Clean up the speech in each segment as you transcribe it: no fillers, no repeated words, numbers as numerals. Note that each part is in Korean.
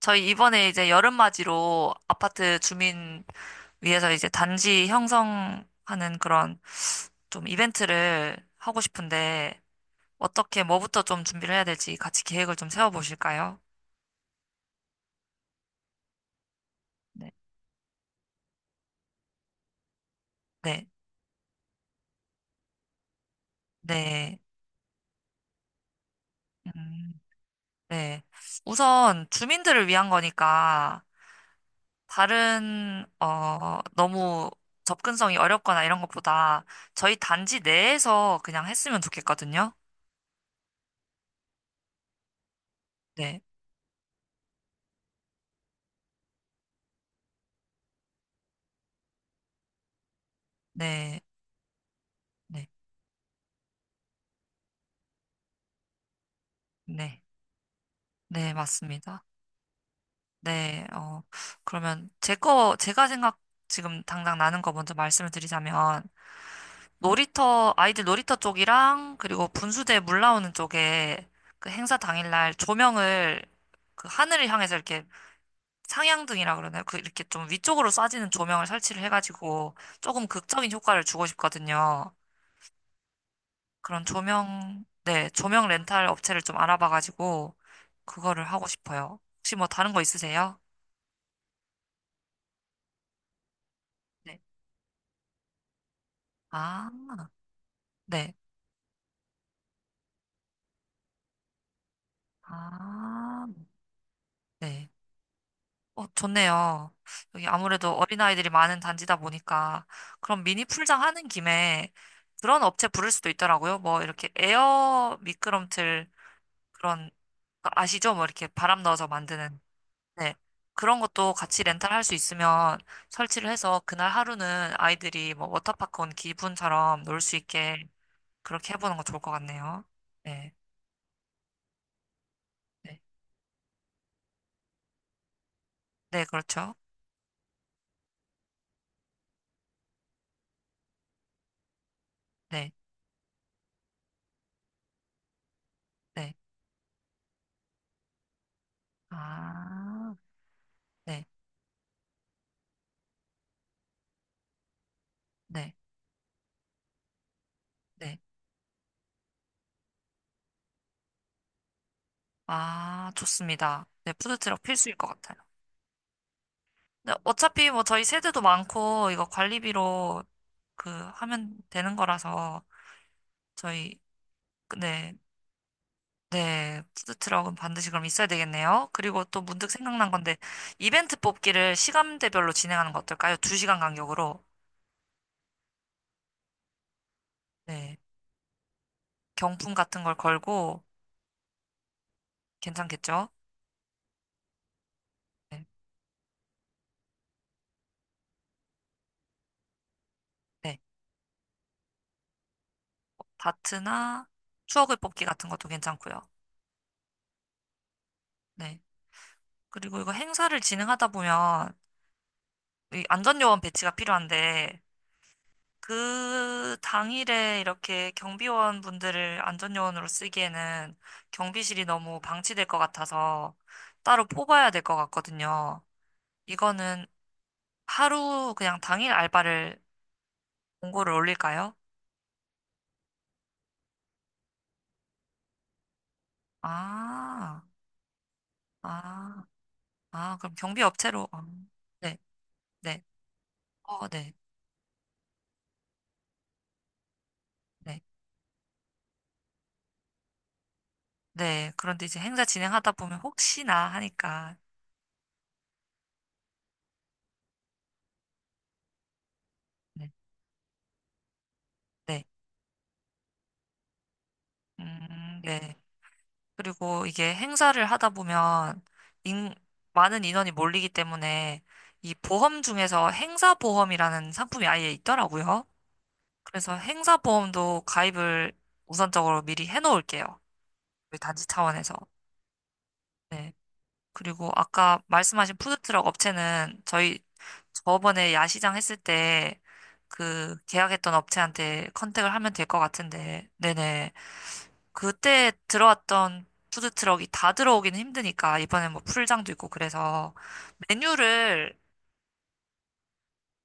저희 이번에 이제 여름맞이로 아파트 주민 위해서 이제 단지 형성하는 그런 좀 이벤트를 하고 싶은데 어떻게 뭐부터 좀 준비를 해야 될지 같이 계획을 좀 세워보실까요? 네, 네, 네. 음, 네. 우선 주민들을 위한 거니까 다른 너무 접근성이 어렵거나 이런 것보다 저희 단지 내에서 그냥 했으면 좋겠거든요. 네, 네, 네, 네, 네, 맞습니다. 네, 그러면 제가 생각 지금 당장 나는 거 먼저 말씀을 드리자면, 네. 아이들 놀이터 쪽이랑, 그리고 분수대 물 나오는 쪽에 그 행사 당일날 조명을 그 하늘을 향해서 이렇게 상향등이라 그러나요? 그 이렇게 좀 위쪽으로 쏴지는 조명을 설치를 해가지고 조금 극적인 효과를 주고 싶거든요. 그런 조명, 네, 조명 렌탈 업체를 좀 알아봐가지고 그거를 하고 싶어요. 혹시 뭐 다른 거 있으세요? 네. 아, 네. 아, 네. 어, 좋네요. 여기 아무래도 어린아이들이 많은 단지다 보니까, 그럼 미니 풀장 하는 김에 그런 업체 부를 수도 있더라고요. 뭐, 이렇게 에어 미끄럼틀 그런, 거 아시죠? 뭐, 이렇게 바람 넣어서 만드는. 네. 그런 것도 같이 렌탈할 수 있으면 설치를 해서 그날 하루는 아이들이 뭐, 워터파크 온 기분처럼 놀 수 있게 그렇게 해보는 거 좋을 것 같네요. 네. 네. 네, 그렇죠. 네. 네. 아, 네. 네. 네. 아, 좋습니다. 네, 푸드트럭 필수일 것 같아요. 네, 어차피 뭐 저희 세대도 많고, 이거 관리비로 그 하면 되는 거라서, 저희, 그 네, 네, 푸드트럭은 반드시 그럼 있어야 되겠네요. 그리고 또 문득 생각난 건데, 이벤트 뽑기를 시간대별로 진행하는 거 어떨까요? 두 시간 간격으로. 네, 경품 같은 걸 걸고, 괜찮겠죠? 네, 네. 다트나 추억의 뽑기 같은 것도 괜찮고요. 네. 그리고 이거 행사를 진행하다 보면, 이 안전요원 배치가 필요한데 그 당일에 이렇게 경비원 분들을 안전요원으로 쓰기에는 경비실이 너무 방치될 것 같아서 따로 뽑아야 될 것 같거든요. 이거는 하루 그냥 당일 알바를 공고를 올릴까요? 아, 아, 아, 그럼 경비 업체로. 네, 네, 어, 네, 네, 네. 그런데 이제 행사 진행하다 보면 혹시나 하니까 네, 네, 네. 그리고 이게 행사를 하다 보면 인- 많은 인원이 몰리기 때문에 이 보험 중에서 행사보험이라는 상품이 아예 있더라고요. 그래서 행사보험도 가입을 우선적으로 미리 해놓을게요. 우리 단지 차원에서. 그리고 아까 말씀하신 푸드트럭 업체는 저희 저번에 야시장 했을 때 그 계약했던 업체한테 컨택을 하면 될 것 같은데, 네네. 그때 들어왔던 푸드트럭이 다 들어오기는 힘드니까 이번에 뭐 풀장도 있고 그래서 메뉴를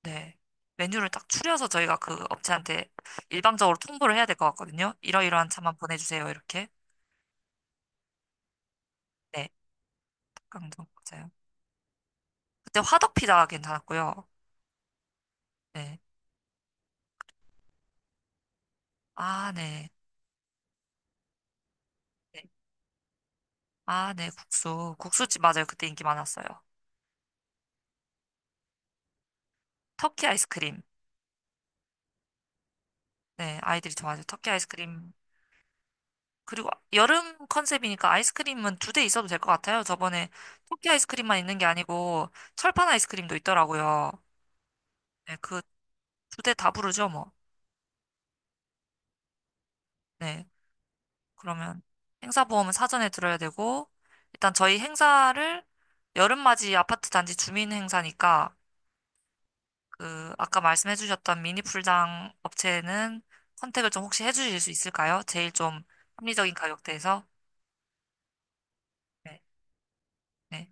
네 메뉴를 딱 추려서 저희가 그 업체한테 일방적으로 통보를 해야 될 것 같거든요. 이러이러한 차만 보내주세요 이렇게 네 닭강정 맞아요. 그때 화덕피자 괜찮았고요. 네 아 네 네. 아네 국수집 맞아요. 그때 인기 많았어요. 터키 아이스크림 네 아이들이 좋아하죠. 터키 아이스크림 그리고 여름 컨셉이니까 아이스크림은 두 대 있어도 될 것 같아요. 저번에 토끼 아이스크림만 있는 게 아니고 철판 아이스크림도 있더라고요. 네, 그 두 대 다 부르죠, 뭐. 네. 그러면 행사 보험은 사전에 들어야 되고 일단 저희 행사를 여름맞이 아파트 단지 주민 행사니까 그 아까 말씀해 주셨던 미니 풀장 업체는 컨택을 좀 혹시 해 주실 수 있을까요? 제일 좀 합리적인 가격대에서. 네. 네.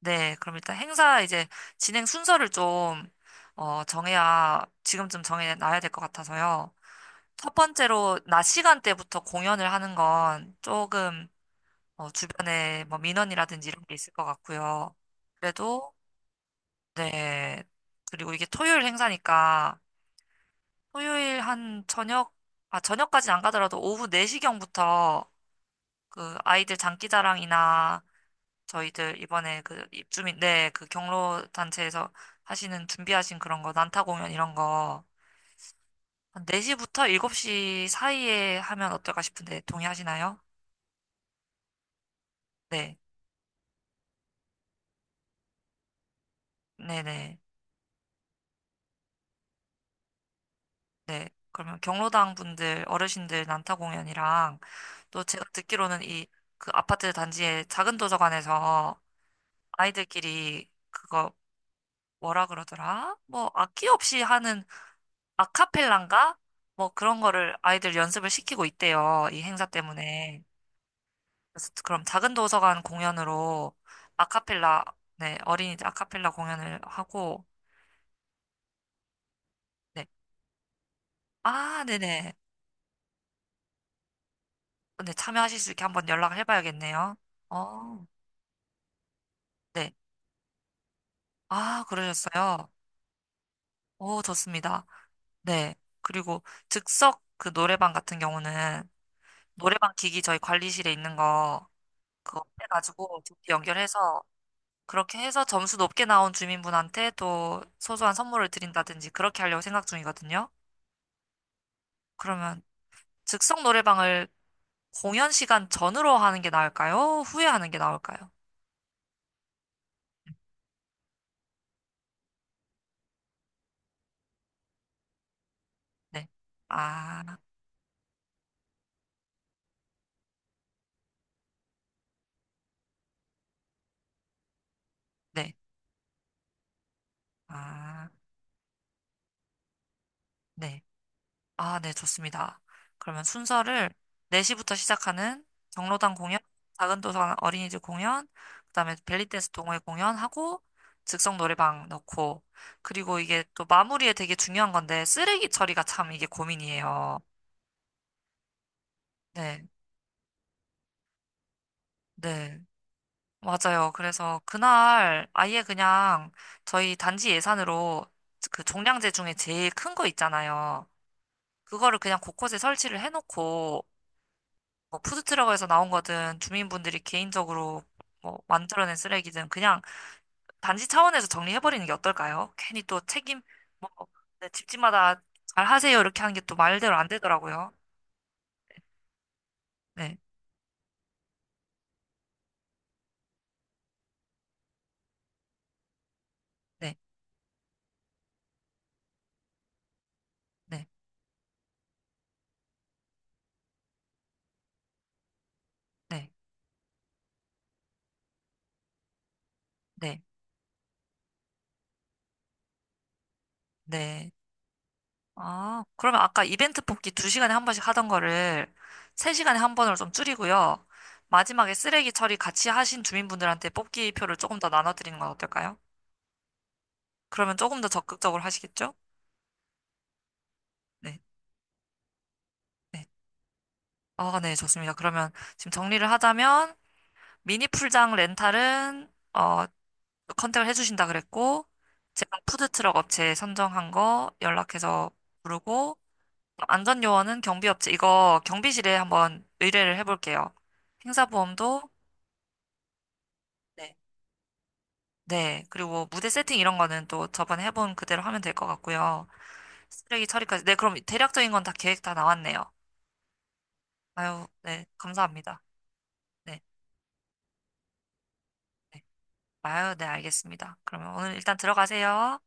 네, 그럼 일단 행사 이제 진행 순서를 좀, 어, 정해야, 지금쯤 정해놔야 될 것 같아서요. 첫 번째로, 낮 시간대부터 공연을 하는 건 조금, 어, 주변에 뭐 민원이라든지 이런 게 있을 것 같고요. 그래도, 네. 그리고 이게 토요일 행사니까, 토요일 한 저녁, 아, 저녁까지는 안 가더라도 오후 4시경부터 그 아이들 장기자랑이나 저희들 이번에 그 입주민, 네, 그 경로 단체에서 하시는 준비하신 그런 거, 난타 공연 이런 거, 한 4시부터 7시 사이에 하면 어떨까 싶은데 동의하시나요? 네, 네네, 네. 그러면 경로당 분들, 어르신들 난타 공연이랑 또 제가 듣기로는 이 그 아파트 단지의 작은 도서관에서 아이들끼리 그거 뭐라 그러더라? 뭐 악기 없이 하는 아카펠라인가? 뭐 그런 거를 아이들 연습을 시키고 있대요. 이 행사 때문에. 그래서 그럼 작은 도서관 공연으로 아카펠라, 네, 어린이들 아카펠라 공연을 하고, 네. 아, 네네. 네, 참여하실 수 있게 한번 연락을 해봐야겠네요. 어, 네. 아, 그러셨어요. 오, 좋습니다. 네. 그리고 즉석 그 노래방 같은 경우는 노래방 기기 저희 관리실에 있는 거 그거 빼가지고 연결해서 그렇게 해서 점수 높게 나온 주민분한테 또 소소한 선물을 드린다든지 그렇게 하려고 생각 중이거든요. 그러면 즉석 노래방을 공연 시간 전으로 하는 게 나을까요? 후에 하는 게 나을까요? 네. 아, 네. 아, 네. 아, 네, 좋습니다. 그러면 순서를 4시부터 시작하는 경로당 공연, 작은 도서관 어린이집 공연, 그다음에 벨리댄스 동호회 공연하고 즉석 노래방 넣고 그리고 이게 또 마무리에 되게 중요한 건데 쓰레기 처리가 참 이게 고민이에요. 네, 네. 맞아요. 그래서 그날 아예 그냥 저희 단지 예산으로 그 종량제 중에 제일 큰 거 있잖아요. 그거를 그냥 곳곳에 설치를 해놓고 뭐 푸드트럭에서 나온 거든 주민분들이 개인적으로 뭐 만들어낸 쓰레기든 그냥 단지 차원에서 정리해버리는 게 어떨까요? 괜히 또 책임 뭐 네, 집집마다 잘 하세요 이렇게 하는 게 또 말대로 안 되더라고요. 네, 네, 네, 네, 네, 네. 아, 그러면 아까 이벤트 뽑기 2시간에 한 번씩 하던 거를 3시간에 한 번으로 좀 줄이고요. 마지막에 쓰레기 처리 같이 하신 주민분들한테 뽑기표를 조금 더 나눠드리는 건 어떨까요? 그러면 조금 더 적극적으로 하시겠죠? 네. 네. 아, 네, 좋습니다. 그러면 지금 정리를 하자면 미니 풀장 렌탈은 컨택을 해주신다 그랬고 제가 푸드트럭 업체 선정한 거 연락해서 부르고 안전요원은 경비업체 이거 경비실에 한번 의뢰를 해볼게요. 행사보험도 네, 네, 그리고 무대 세팅 이런 거는 또 저번에 해본 그대로 하면 될 것 같고요. 쓰레기 처리까지 네, 그럼 대략적인 건 다 계획 다 나왔네요. 아유, 네, 감사합니다. 네. 아유, 네, 알겠습니다. 그러면 오늘 일단 들어가세요.